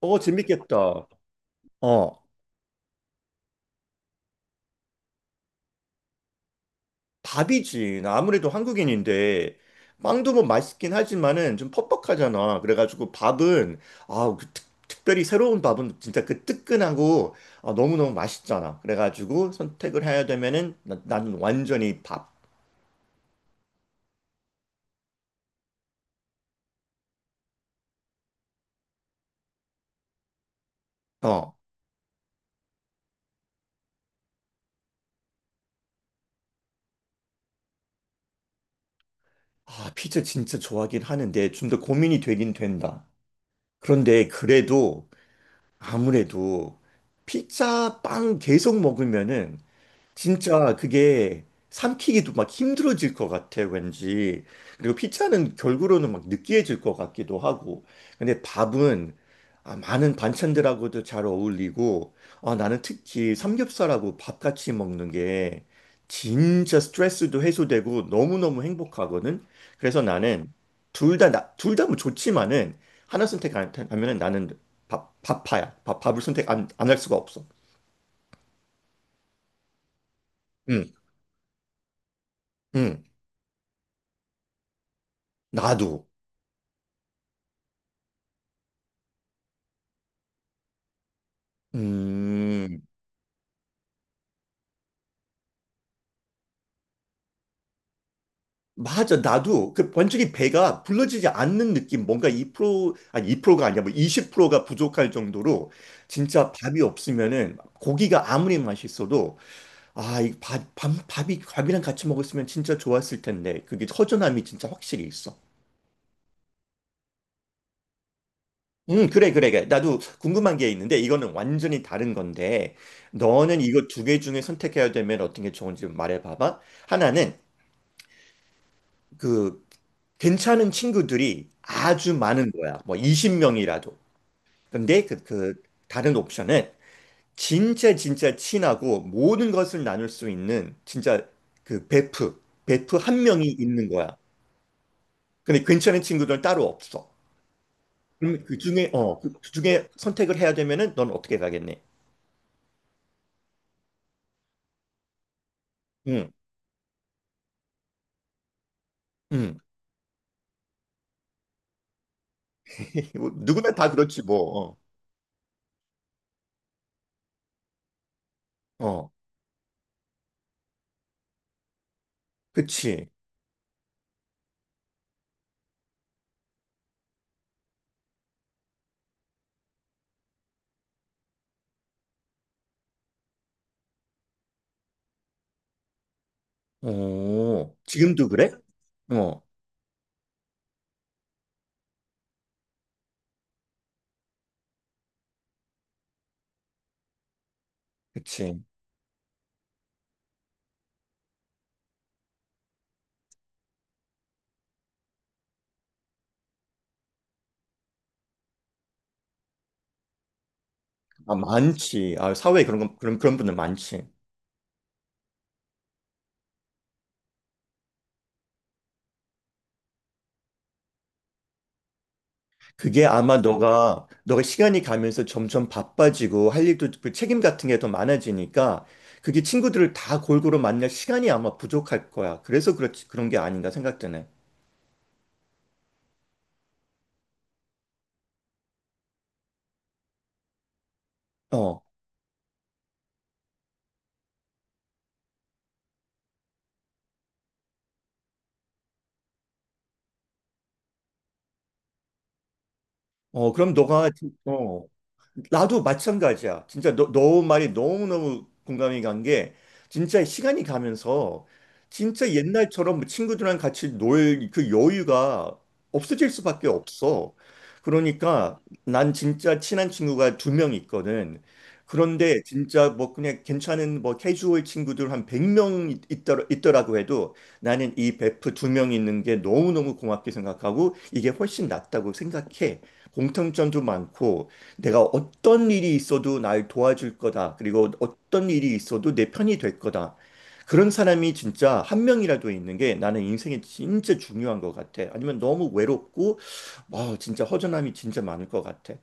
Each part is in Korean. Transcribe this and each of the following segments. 어, 재밌겠다. 어, 밥이지. 나 아무래도 한국인인데, 빵도 뭐 맛있긴 하지만은 좀 퍽퍽하잖아. 그래가지고 밥은, 그 특별히 새로운 밥은 진짜 그 뜨끈하고, 너무너무 맛있잖아. 그래가지고 선택을 해야 되면은, 나는 완전히 밥. 어, 피자 진짜 좋아하긴 하는데, 좀 더 고민이 되긴 된다. 그런데 그래도, 아무래도, 피자 빵 계속 먹으면은, 진짜 그게 삼키기도 막 힘들어질 것 같아, 왠지. 그리고 피자는 결국으로는 막 느끼해질 것 같기도 하고. 근데 밥은 많은 반찬들하고도 잘 어울리고, 나는 특히 삼겹살하고 밥 같이 먹는 게 진짜 스트레스도 해소되고 너무너무 행복하거든. 그래서 나는 둘 다, 둘다 뭐 좋지만은 하나 선택하면 나는 밥파야. 밥을 선택 안 할 수가 없어. 응, 응, 나도. 음, 맞아. 나도 그 완전히 배가 불러지지 않는 느낌, 뭔가 2%, 아니 2%가 아니야, 뭐프0가 부족할 정도로 진짜 밥이 없으면은 고기가 아무리 맛있어도 이 밥이 밥이랑 같이 먹었으면 진짜 좋았을 텐데 그게 허전함이 진짜 확실히 있어. 그래, 그래, 그래. 나도 궁금한 게 있는데 이거는 완전히 다른 건데 너는 이거 두 개 중에 선택해야 되면 어떤 게 좋은지 말해봐봐. 하나는 그 괜찮은 친구들이 아주 많은 거야. 뭐 20명이라도. 근데 그 다른 옵션은 진짜 진짜 친하고 모든 것을 나눌 수 있는 진짜 그 베프 한 명이 있는 거야. 근데 괜찮은 친구들은 따로 없어. 그럼 그 중에 선택을 해야 되면은 넌 어떻게 가겠니? 응. 응. 뭐 누구나 다 그렇지 뭐. 어. 어. 그치. 어. 지금도 그래? 어. 그치. 아, 많지. 아, 사회에 그런 건- 그런 그런 분들 많지. 그게 아마 너가 시간이 가면서 점점 바빠지고 할 일도 그 책임 같은 게 더 많아지니까 그게 친구들을 다 골고루 만날 시간이 아마 부족할 거야. 그래서 그렇지 그런 게 아닌가 생각되네. 어. 어. 나도 마찬가지야. 진짜 너 말이 너무너무 공감이 간 게, 진짜 시간이 가면서, 진짜 옛날처럼 뭐 친구들이랑 같이 놀 그 여유가 없어질 수밖에 없어. 그러니까 난 진짜 친한 친구가 두 명 있거든. 그런데 진짜 뭐 그냥 괜찮은 뭐 캐주얼 친구들 한 100명 있더라고 해도 나는 이 베프 두 명 있는 게 너무너무 고맙게 생각하고 이게 훨씬 낫다고 생각해. 공통점도 많고 내가 어떤 일이 있어도 날 도와줄 거다. 그리고 어떤 일이 있어도 내 편이 될 거다. 그런 사람이 진짜 한 명이라도 있는 게 나는 인생에 진짜 중요한 것 같아. 아니면 너무 외롭고, 와, 진짜 허전함이 진짜 많을 것 같아.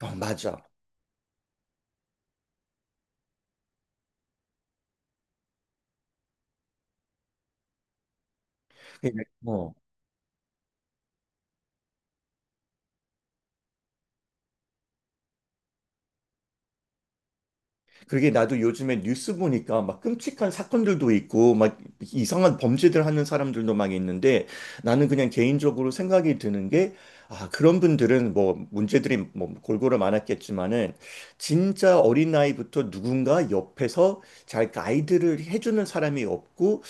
어, 맞아. 예, 어. 그게 나도 요즘에 뉴스 보니까 막 끔찍한 사건들도 있고 막 이상한 범죄들 하는 사람들도 막 있는데 나는 그냥 개인적으로 생각이 드는 게 그런 분들은 뭐 문제들이 뭐 골고루 많았겠지만은 진짜 어린아이부터 누군가 옆에서 잘 가이드를 해주는 사람이 없고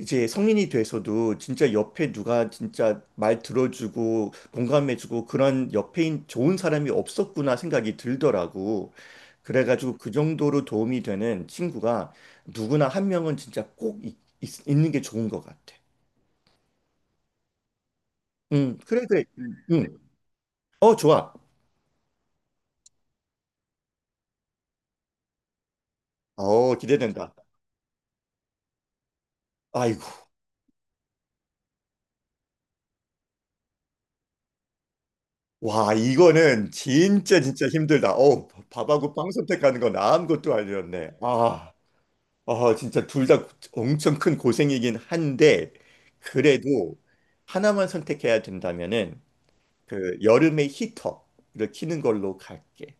이제 성인이 돼서도 진짜 옆에 누가 진짜 말 들어주고 공감해주고 그런 옆에 좋은 사람이 없었구나 생각이 들더라고. 그래가지고 그 정도로 도움이 되는 친구가 누구나 한 명은 진짜 꼭 는게 좋은 것 같아. 응, 그래, 그래. 응, 어, 좋아. 어, 기대된다. 아이고, 와, 이거는 진짜 진짜 힘들다. 어, 밥하고 빵 선택하는 건 아무것도 아니었네. 진짜 둘 다 엄청 큰 고생이긴 한데, 그래도 하나만 선택해야 된다면은 그 여름에 히터를 키는 걸로 갈게.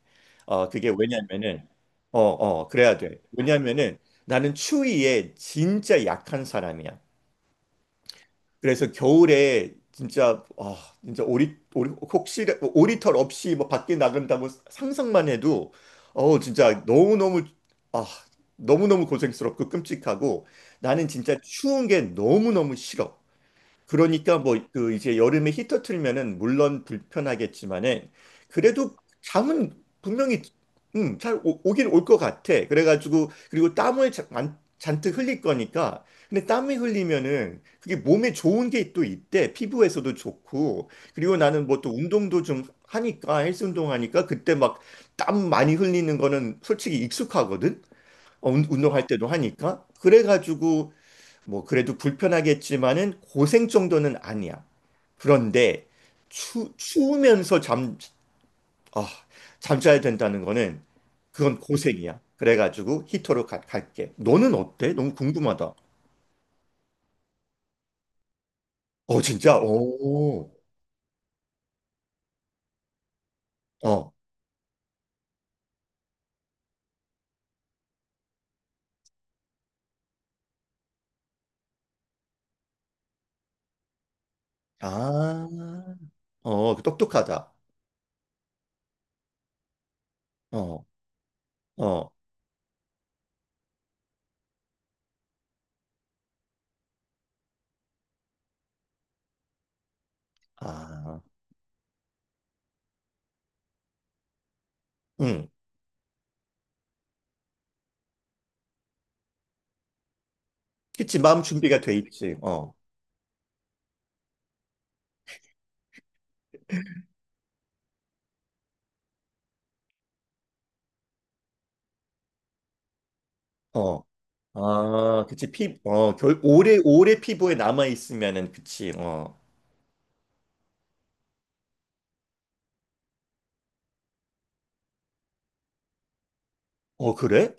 어, 그게 왜냐면은 그래야 돼. 왜냐면은 나는 추위에 진짜 약한 사람이야. 그래서 겨울에 진짜 진짜 오리 오리 혹시 오리털 없이 뭐 밖에 나간다고 상상만 해도 진짜 너무너무 아, 너무너무 고생스럽고 끔찍하고 나는 진짜 추운 게 너무너무 싫어. 그러니까 뭐 그 이제 여름에 히터 틀면은 물론 불편하겠지만은 그래도 잠은 분명히 잘 오긴 올 것 같아. 그래가지고 그리고 땀을 잔뜩 흘릴 거니까. 근데 땀이 흘리면은 그게 몸에 좋은 게 또 있대. 피부에서도 좋고. 그리고 나는 뭐 또 운동도 좀 하니까 헬스 운동하니까 그때 막 땀 많이 흘리는 거는 솔직히 익숙하거든. 운동할 때도 하니까. 그래가지고 뭐 그래도 불편하겠지만은 고생 정도는 아니야. 그런데 추우면서 아, 잠자야 된다는 거는 그건 고생이야. 그래가지고 히터로 갈게. 너는 어때? 너무 궁금하다. 어, 진짜? 오, 어, 아, 어, 그 똑똑하다. 어, 어, 아, 응. 그치, 마음 준비가 돼 있지. 어, 어, 그치, 오래, 오래 피부에 남아있으면은, 그치, 어. 어, 그래?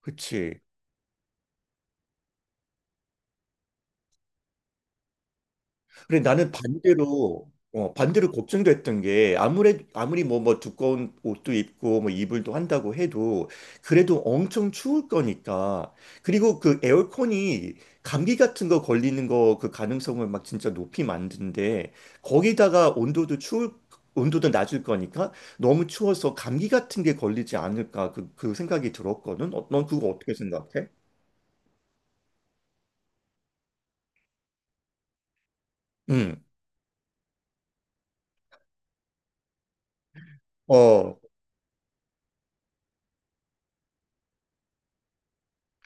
그치. 그래, 나는 반대로 걱정됐던 게, 아무리 뭐, 뭐, 두꺼운 옷도 입고, 뭐, 이불도 한다고 해도, 그래도 엄청 추울 거니까. 그리고 그 에어컨이 감기 같은 거 걸리는 거, 그 가능성을 막 진짜 높이 만든데, 거기다가 온도도 낮을 거니까, 너무 추워서 감기 같은 게 걸리지 않을까, 그 생각이 들었거든. 어, 넌 그거 어떻게 생각해? 응, 어,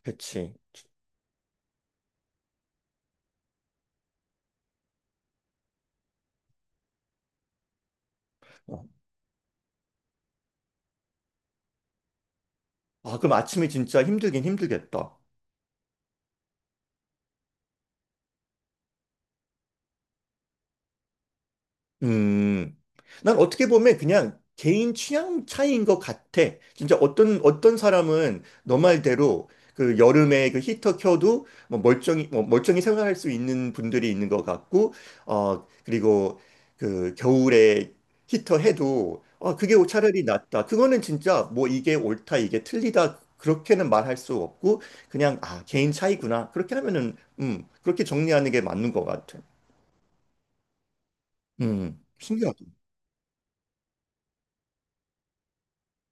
그치. 어. 아, 그럼 아침에 진짜 힘들긴 힘들겠다. 음, 난 어떻게 보면 그냥 개인 취향 차이인 것 같아. 진짜 어떤 사람은 너 말대로 그 여름에 그 히터 켜도 뭐 멀쩡히 생활할 수 있는 분들이 있는 것 같고, 어, 그리고 그 겨울에 히터 해도, 그게 차라리 낫다. 그거는 진짜 뭐 이게 옳다, 이게 틀리다. 그렇게는 말할 수 없고, 그냥, 개인 차이구나. 그렇게 하면은, 그렇게 정리하는 게 맞는 것 같아. 음. 신기하다.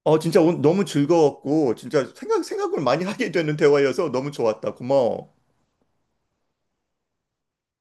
어, 진짜 오늘 너무 즐거웠고, 진짜 생각을 많이 하게 되는 대화여서 너무 좋았다. 고마워.